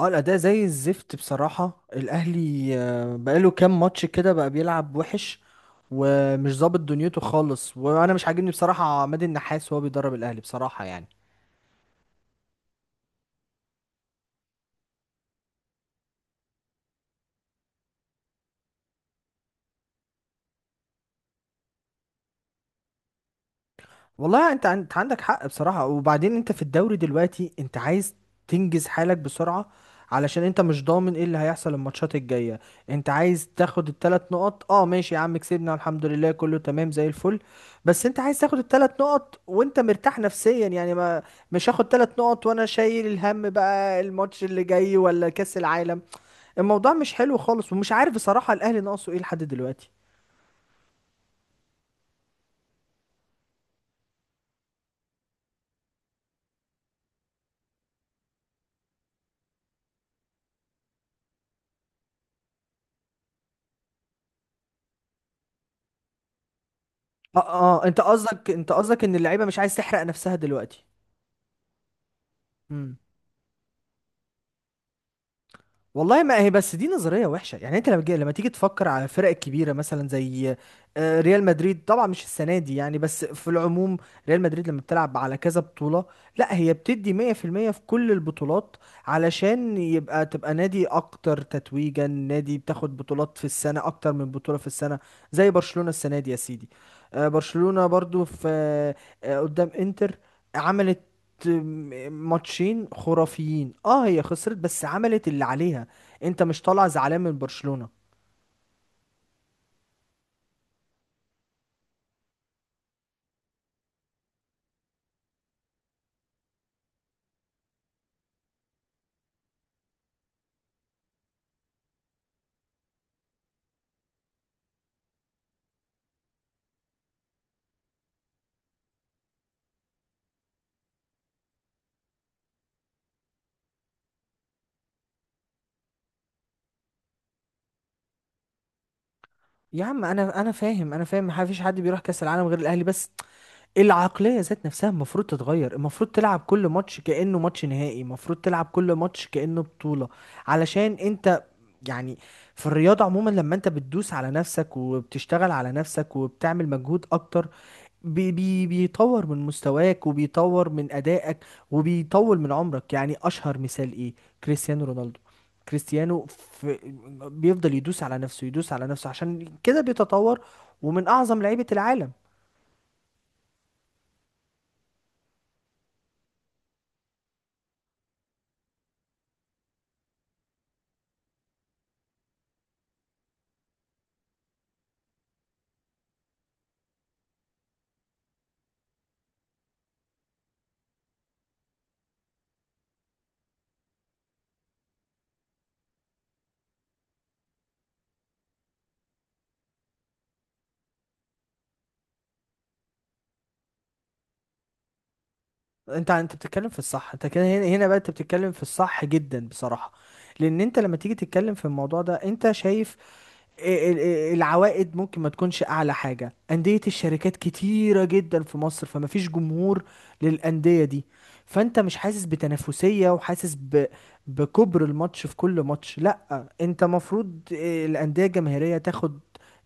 اه، الأداء زي الزفت بصراحة. الأهلي بقاله كام ماتش كده بقى بيلعب وحش ومش ظابط دنيته خالص، وأنا مش عاجبني بصراحة عماد النحاس وهو بيدرب الأهلي بصراحة يعني. والله انت عندك حق بصراحة. وبعدين انت في الدوري دلوقتي، انت عايز تنجز حالك بسرعة علشان انت مش ضامن ايه اللي هيحصل الماتشات الجاية. انت عايز تاخد الثلاث نقط، اه ماشي يا عم، كسبنا الحمد لله كله تمام زي الفل. بس انت عايز تاخد الثلاث نقط وانت مرتاح نفسيا، يعني ما مش هاخد ثلاث نقط وانا شايل الهم بقى الماتش اللي جاي ولا كأس العالم. الموضوع مش حلو خالص، ومش عارف بصراحة الاهلي ناقصه ايه لحد دلوقتي. اه. اه، انت قصدك ان اللعيبة مش عايز تحرق نفسها دلوقتي. مم. والله ما هي بس دي نظرية وحشة. يعني انت لما تيجي تفكر على فرق كبيرة مثلا زي ريال مدريد، طبعا مش السنة دي يعني، بس في العموم ريال مدريد لما بتلعب على كذا بطولة، لا هي بتدي 100% في المية في كل البطولات، علشان يبقى تبقى نادي اكتر تتويجا، نادي بتاخد بطولات في السنة اكتر من بطولة في السنة، زي برشلونة السنة دي يا سيدي. برشلونة برضو في قدام انتر، عملت ماتشين خرافيين. اه، هي خسرت بس عملت اللي عليها. انت مش طالع زعلان من برشلونة. يا عم انا فاهم ما فيش حد بيروح كاس العالم غير الاهلي، بس العقلية ذات نفسها المفروض تتغير، المفروض تلعب كل ماتش كأنه ماتش نهائي، المفروض تلعب كل ماتش كأنه بطولة، علشان انت يعني. في الرياضة عموما لما انت بتدوس على نفسك وبتشتغل على نفسك وبتعمل مجهود اكتر، بي بي بيطور من مستواك وبيطور من أدائك وبيطول من عمرك. يعني أشهر مثال إيه؟ كريستيانو رونالدو. كريستيانو في بيفضل يدوس على نفسه يدوس على نفسه، عشان كده بيتطور ومن أعظم لعيبة العالم. انت بتتكلم في الصح، انت كده هنا هنا بقى، انت بتتكلم في الصح جدا بصراحة. لان انت لما تيجي تتكلم في الموضوع ده، انت شايف العوائد ممكن ما تكونش اعلى حاجه. انديه الشركات كتيره جدا في مصر، فما فيش جمهور للانديه دي، فانت مش حاسس بتنافسيه، وحاسس بكبر الماتش في كل ماتش. لا، انت مفروض الانديه الجماهيريه تاخد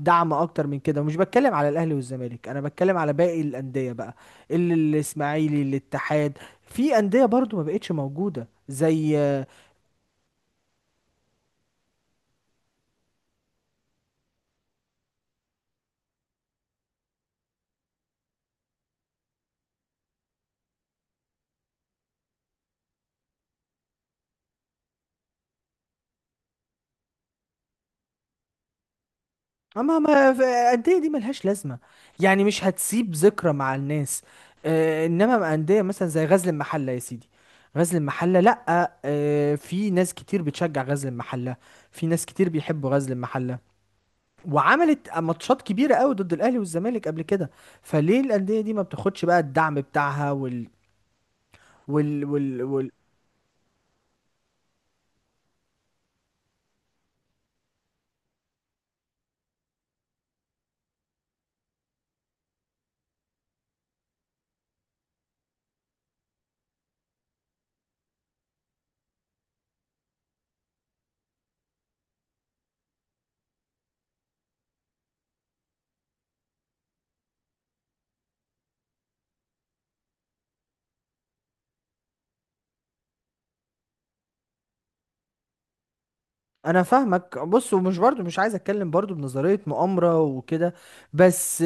دعم اكتر من كده، ومش بتكلم على الاهلي والزمالك، انا بتكلم على باقي الانديه بقى. الاسماعيلي، الاتحاد، في انديه برضو ما بقتش موجوده زي. اما ما ف- الانديه دي ملهاش لازمه، يعني مش هتسيب ذكرى مع الناس. آه، انما مع انديه مثلا زي غزل المحله يا سيدي، غزل المحله، لا. آه، في ناس كتير بتشجع غزل المحله، في ناس كتير بيحبوا غزل المحله، وعملت ماتشات كبيره قوي ضد الاهلي والزمالك قبل كده. فليه الانديه دي ما بتاخدش بقى الدعم بتاعها وال وال, وال... انا فاهمك بص، ومش برضو مش عايز اتكلم برضو بنظريه مؤامره وكده، بس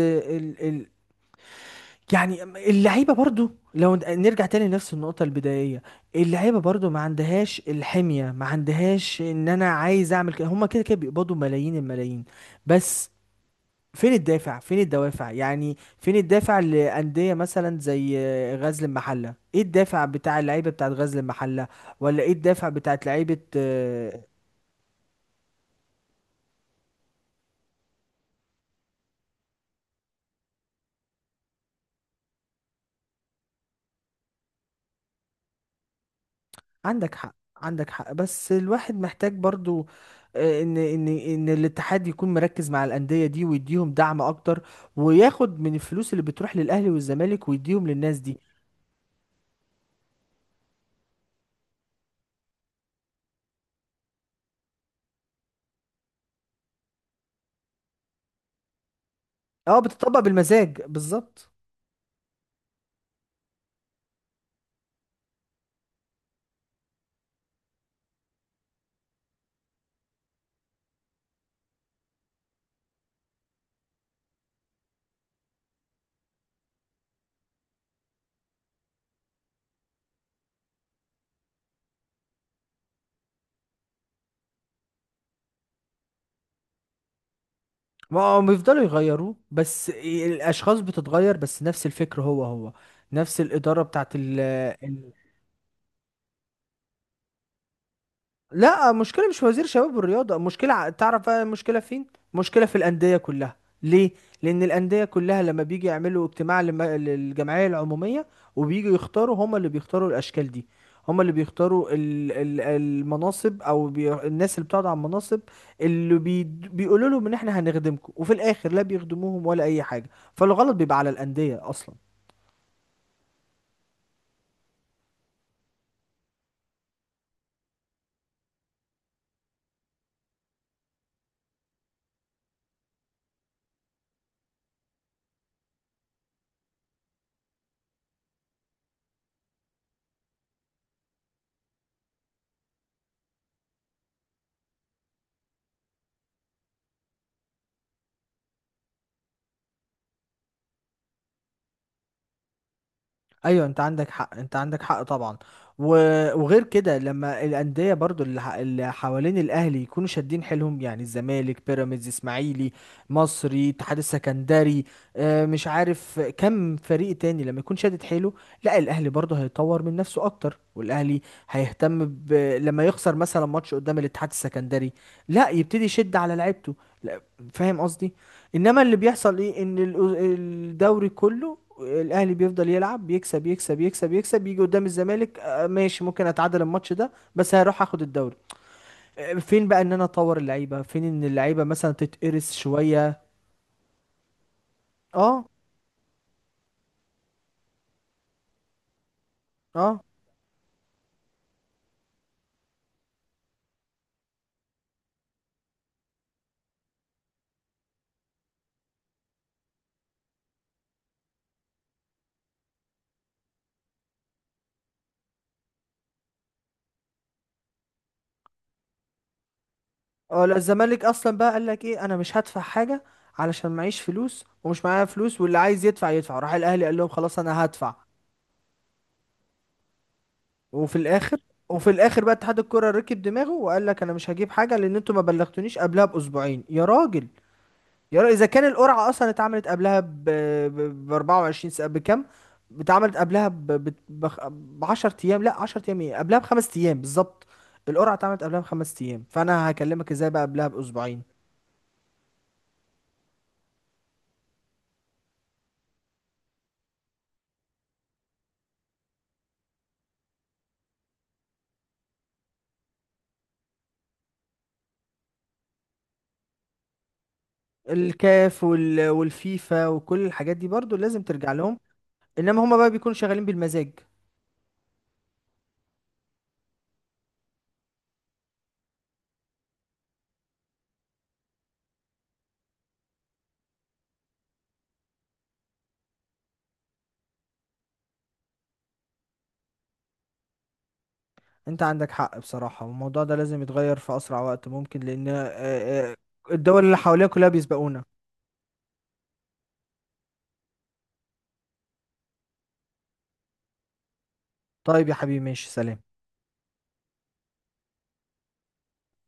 يعني اللعيبه برضو لو نرجع تاني لنفس النقطه البدائيه، اللعيبه برضو ما عندهاش الحميه، ما عندهاش ان انا عايز اعمل كده. هما كده كده بيقبضوا ملايين الملايين، بس فين الدافع؟ فين الدوافع؟ يعني فين الدافع لأندية مثلا زي غزل المحلة؟ ايه الدافع بتاع اللعيبه بتاعت غزل المحلة؟ ولا ايه الدافع بتاعت لعيبه؟ عندك حق، عندك حق، بس الواحد محتاج برضو ان الاتحاد يكون مركز مع الانديه دي، ويديهم دعم اكتر، وياخد من الفلوس اللي بتروح للاهلي والزمالك ويديهم للناس دي. اه، بتطبق بالمزاج بالظبط. ما هم يفضلوا يغيروه، بس الاشخاص بتتغير، بس نفس الفكر هو هو، نفس الاداره بتاعت لا، مشكلة مش في وزير شباب والرياضة. مشكلة تعرف بقى المشكلة فين؟ مشكلة في الأندية كلها. ليه؟ لأن الأندية كلها لما بيجي يعملوا اجتماع للجمعية العمومية، وبيجوا يختاروا، هما اللي بيختاروا الأشكال دي. هما اللي بيختاروا المناصب، أو الناس اللي بتقعد على المناصب، اللي بي... بيقولوا لهم إن إحنا هنخدمكم، وفي الآخر لا بيخدموهم ولا أي حاجة. فالغلط بيبقى على الأندية أصلا. ايوه، انت عندك حق، انت عندك حق طبعا. و... وغير كده لما الانديه برضو اللي حوالين الاهلي يكونوا شادين حيلهم، يعني الزمالك، بيراميدز، اسماعيلي، مصري، اتحاد السكندري، مش عارف كم فريق تاني، لما يكون شادد حيله، لا الاهلي برضو هيطور من نفسه اكتر، والاهلي هيهتم لما يخسر مثلا ماتش قدام الاتحاد السكندري، لا يبتدي يشد على لعيبته. لا، فاهم قصدي. انما اللي بيحصل ايه؟ ان الدوري كله، الاهلي بيفضل يلعب يكسب يكسب يكسب يكسب، يجي قدام الزمالك ماشي، ممكن اتعادل الماتش ده، بس هروح اخد الدوري. فين بقى ان انا اطور اللعيبه؟ فين ان اللعيبه مثلا تتقرس شويه؟ اه، اه، اه، لا الزمالك اصلا بقى قال لك ايه؟ انا مش هدفع حاجه، علشان معيش فلوس ومش معايا فلوس، واللي عايز يدفع يدفع. راح الاهلي قال لهم خلاص انا هدفع. وفي الاخر وفي الاخر بقى، اتحاد الكره ركب دماغه وقال لك انا مش هجيب حاجه، لان انتوا ما بلغتونيش قبلها باسبوعين يا راجل. يا اذا كان القرعه اصلا اتعملت قبلها ب 24 ساعه، بكام؟ اتعملت قبلها ب 10 ايام، لا 10 ايام ايه، قبلها ب5 ايام بالظبط. القرعه اتعملت قبلها ب5 ايام، فانا هكلمك ازاي بقى قبلها باسبوعين؟ الكاف والفيفا وكل الحاجات دي برضو لازم ترجع لهم. انما هما بقى بيكونوا شغالين بالمزاج. انت عندك حق بصراحه، والموضوع ده لازم يتغير في اسرع وقت ممكن، لان آه، الدول اللي حوالينا كلها بيسبقونا. طيب يا حبيبي، ماشي، سلام.